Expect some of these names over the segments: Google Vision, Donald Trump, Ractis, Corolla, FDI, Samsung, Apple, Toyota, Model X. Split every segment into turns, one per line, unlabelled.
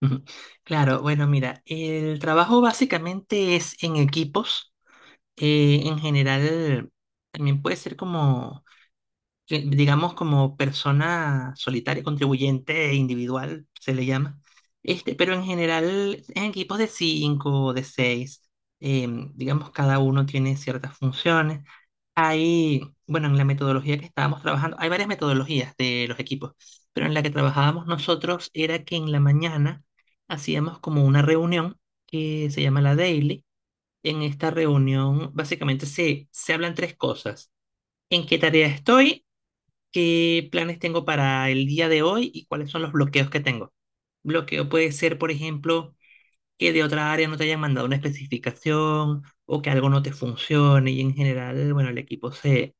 Ujú. Claro, bueno, mira, el trabajo básicamente es en equipos. En general, también puede ser como que digamos, como persona solitaria, contribuyente e individual, se le llama. Este, pero en general, en equipos de cinco, de seis, digamos, cada uno tiene ciertas funciones. Hay, bueno, en la metodología que estábamos trabajando, hay varias metodologías de los equipos, pero en la que trabajábamos nosotros era que en la mañana hacíamos como una reunión que se llama la daily. En esta reunión básicamente se hablan tres cosas. ¿En qué tarea estoy? ¿Qué planes tengo para el día de hoy y cuáles son los bloqueos que tengo? Bloqueo puede ser, por ejemplo, que de otra área no te hayan mandado una especificación o que algo no te funcione y, en general, bueno, el equipo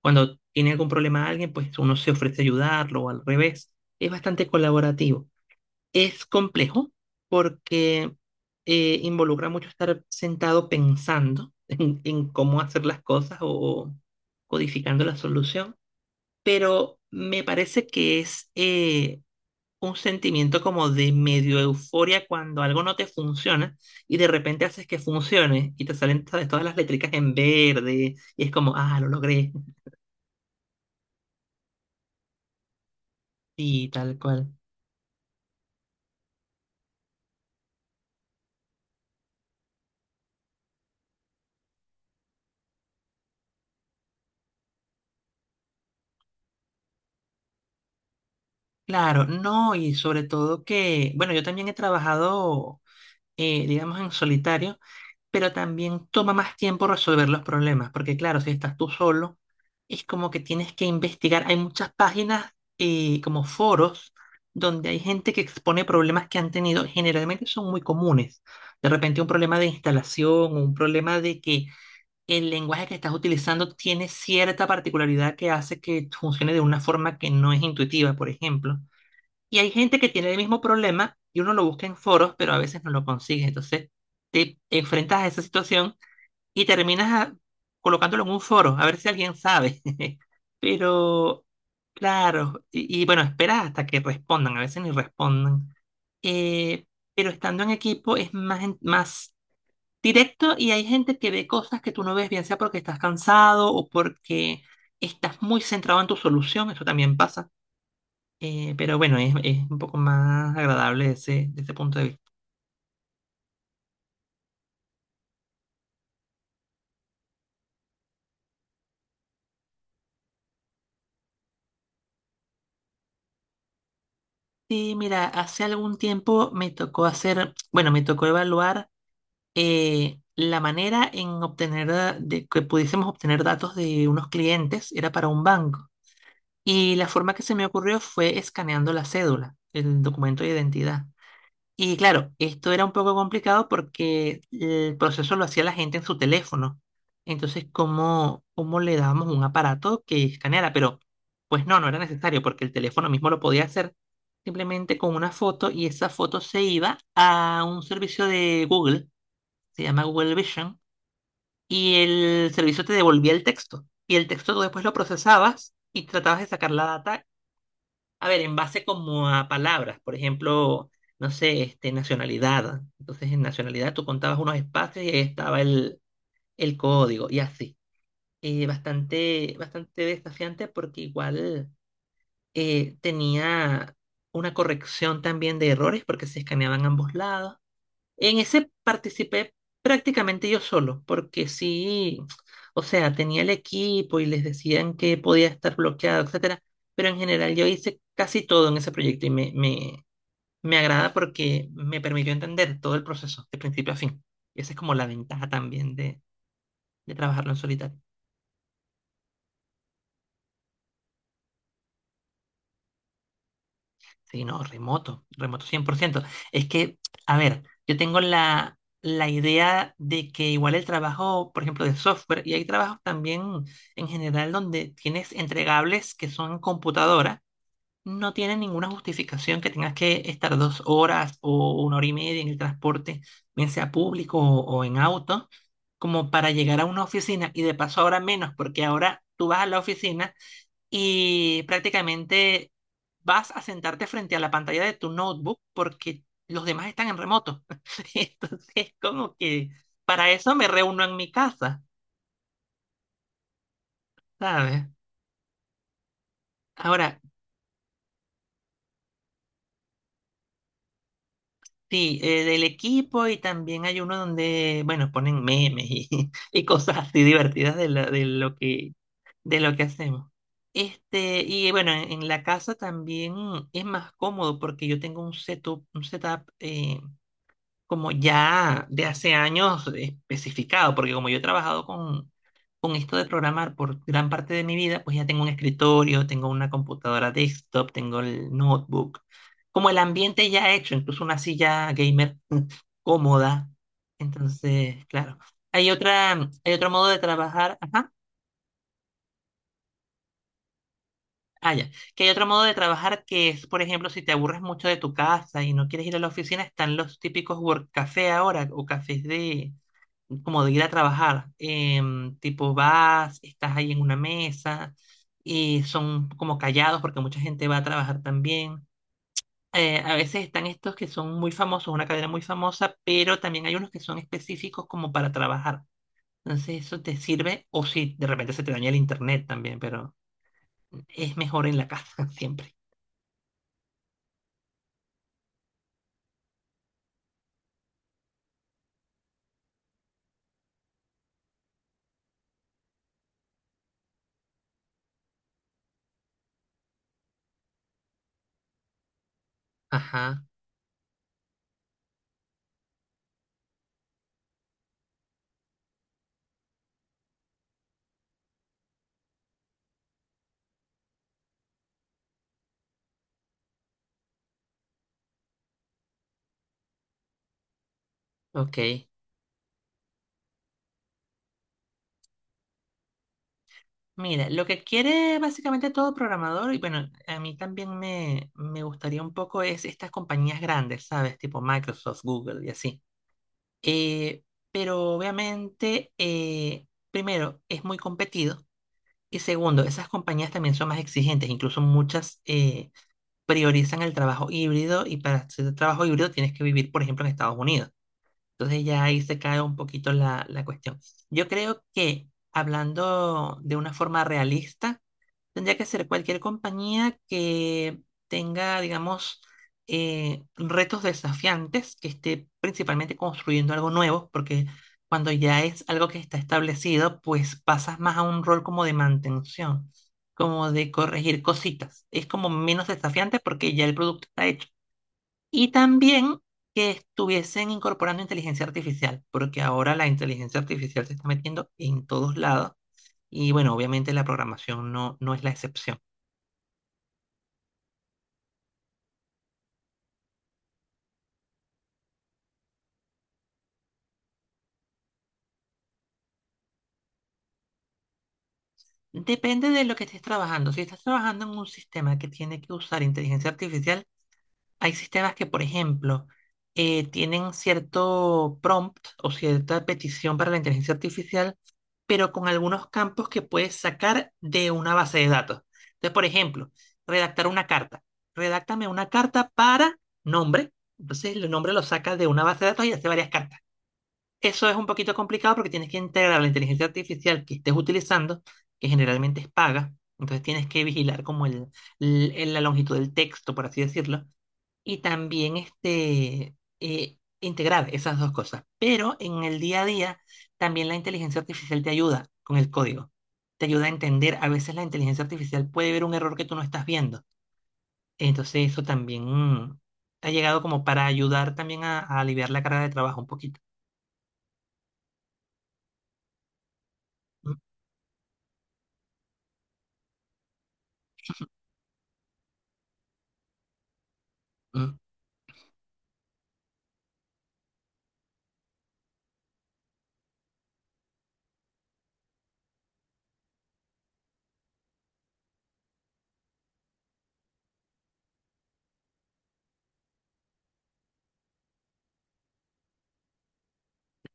cuando tiene algún problema a alguien, pues uno se ofrece a ayudarlo o al revés. Es bastante colaborativo. Es complejo porque involucra mucho estar sentado pensando en cómo hacer las cosas o codificando la solución, pero me parece que es un sentimiento como de medio euforia cuando algo no te funciona y de repente haces que funcione y te salen, ¿sabes?, todas las letricas en verde y es como, ah, lo logré. Y tal cual. Claro, no, y sobre todo que, bueno, yo también he trabajado, digamos, en solitario, pero también toma más tiempo resolver los problemas, porque claro, si estás tú solo, es como que tienes que investigar. Hay muchas páginas como foros donde hay gente que expone problemas que han tenido, generalmente son muy comunes. De repente un problema de instalación, un problema de que el lenguaje que estás utilizando tiene cierta particularidad que hace que funcione de una forma que no es intuitiva, por ejemplo. Y hay gente que tiene el mismo problema y uno lo busca en foros, pero a veces no lo consigue. Entonces te enfrentas a esa situación y terminas colocándolo en un foro, a ver si alguien sabe. Pero, claro, y bueno, esperas hasta que respondan, a veces ni responden. Eh, pero estando en equipo es más, más directo, y hay gente que ve cosas que tú no ves, bien sea porque estás cansado o porque estás muy centrado en tu solución, eso también pasa, pero bueno, es un poco más agradable ese, desde ese punto de vista. Sí, mira, hace algún tiempo me tocó hacer, bueno, me tocó evaluar la manera en obtener, de que pudiésemos obtener datos de unos clientes, era para un banco. Y la forma que se me ocurrió fue escaneando la cédula, el documento de identidad. Y claro, esto era un poco complicado porque el proceso lo hacía la gente en su teléfono. Entonces, ¿cómo, cómo le dábamos un aparato que escaneara? Pero, pues no, no era necesario porque el teléfono mismo lo podía hacer simplemente con una foto, y esa foto se iba a un servicio de Google, se llama Google Vision, y el servicio te devolvía el texto. Y el texto tú después lo procesabas y tratabas de sacar la data, a ver, en base como a palabras, por ejemplo, no sé, este, nacionalidad. Entonces, en nacionalidad tú contabas unos espacios y ahí estaba el código y así. Bastante, bastante desafiante porque igual tenía una corrección también de errores porque se escaneaban ambos lados. En ese participé prácticamente yo solo, porque sí, o sea, tenía el equipo y les decían que podía estar bloqueado, etcétera, pero en general yo hice casi todo en ese proyecto y me agrada porque me permitió entender todo el proceso de principio a fin. Y esa es como la ventaja también de trabajarlo en solitario. Sí, no, remoto, remoto 100%. Es que, a ver, yo tengo la idea de que igual el trabajo, por ejemplo, de software, y hay trabajos también en general donde tienes entregables que son en computadora, no tiene ninguna justificación que tengas que estar 2 horas o 1 hora y media en el transporte, bien sea público o en auto, como para llegar a una oficina, y de paso ahora menos, porque ahora tú vas a la oficina y prácticamente vas a sentarte frente a la pantalla de tu notebook porque los demás están en remoto. Entonces, como que para eso me reúno en mi casa, ¿sabes? Ahora, sí, del equipo, y también hay uno donde, bueno, ponen memes y, y cosas así divertidas de, de lo que hacemos. Este, y bueno, en la casa también es más cómodo porque yo tengo un setup como ya de hace años especificado, porque como yo he trabajado con esto de programar por gran parte de mi vida, pues ya tengo un escritorio, tengo una computadora desktop, tengo el notebook, como el ambiente ya hecho, incluso una silla gamer cómoda. Entonces, claro, hay otra, hay otro modo de trabajar, ajá, ah, ya, que hay otro modo de trabajar que es, por ejemplo, si te aburres mucho de tu casa y no quieres ir a la oficina, están los típicos work café ahora, o cafés de como de ir a trabajar. Tipo, vas, estás ahí en una mesa, y son como callados porque mucha gente va a trabajar también. A veces están estos que son muy famosos, una cadena muy famosa, pero también hay unos que son específicos como para trabajar. Entonces eso te sirve, o si de repente se te daña el internet también, pero es mejor en la casa siempre. Ajá, ok. Mira, lo que quiere básicamente todo programador, y bueno, a mí también me gustaría un poco es estas compañías grandes, ¿sabes? Tipo Microsoft, Google y así. Eh, pero obviamente, primero, es muy competido, y segundo, esas compañías también son más exigentes, incluso muchas priorizan el trabajo híbrido, y para hacer trabajo híbrido tienes que vivir, por ejemplo, en Estados Unidos. Entonces ya ahí se cae un poquito la, la cuestión. Yo creo que, hablando de una forma realista, tendría que ser cualquier compañía que tenga, digamos, retos desafiantes, que esté principalmente construyendo algo nuevo, porque cuando ya es algo que está establecido, pues pasas más a un rol como de mantención, como de corregir cositas. Es como menos desafiante porque ya el producto está hecho. Y también que estuviesen incorporando inteligencia artificial, porque ahora la inteligencia artificial se está metiendo en todos lados. Y bueno, obviamente la programación no, no es la excepción. Depende de lo que estés trabajando. Si estás trabajando en un sistema que tiene que usar inteligencia artificial, hay sistemas que, por ejemplo, tienen cierto prompt o cierta petición para la inteligencia artificial, pero con algunos campos que puedes sacar de una base de datos. Entonces, por ejemplo, redactar una carta. Redáctame una carta para nombre. Entonces, el nombre lo saca de una base de datos y hace varias cartas. Eso es un poquito complicado porque tienes que integrar la inteligencia artificial que estés utilizando, que generalmente es paga. Entonces tienes que vigilar como el, la longitud del texto, por así decirlo, y también este, integrar esas dos cosas. Pero en el día a día también la inteligencia artificial te ayuda con el código. Te ayuda a entender. A veces la inteligencia artificial puede ver un error que tú no estás viendo. Entonces eso también ha llegado como para ayudar también a aliviar la carga de trabajo un poquito. Mm, mm.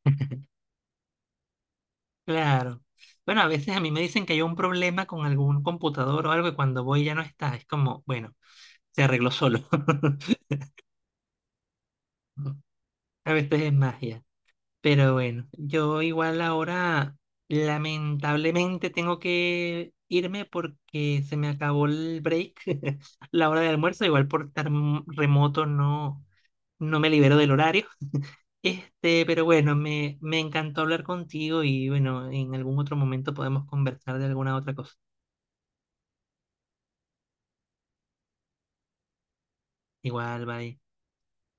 Claro. Bueno, a veces a mí me dicen que hay un problema con algún computador o algo, y cuando voy ya no está. Es como, bueno, se arregló solo. A veces es magia. Pero bueno, yo igual ahora lamentablemente tengo que irme porque se me acabó el break, la hora de almuerzo. Igual por estar remoto no, no me libero del horario. Este, pero bueno, me encantó hablar contigo, y bueno, en algún otro momento podemos conversar de alguna otra cosa. Igual, bye.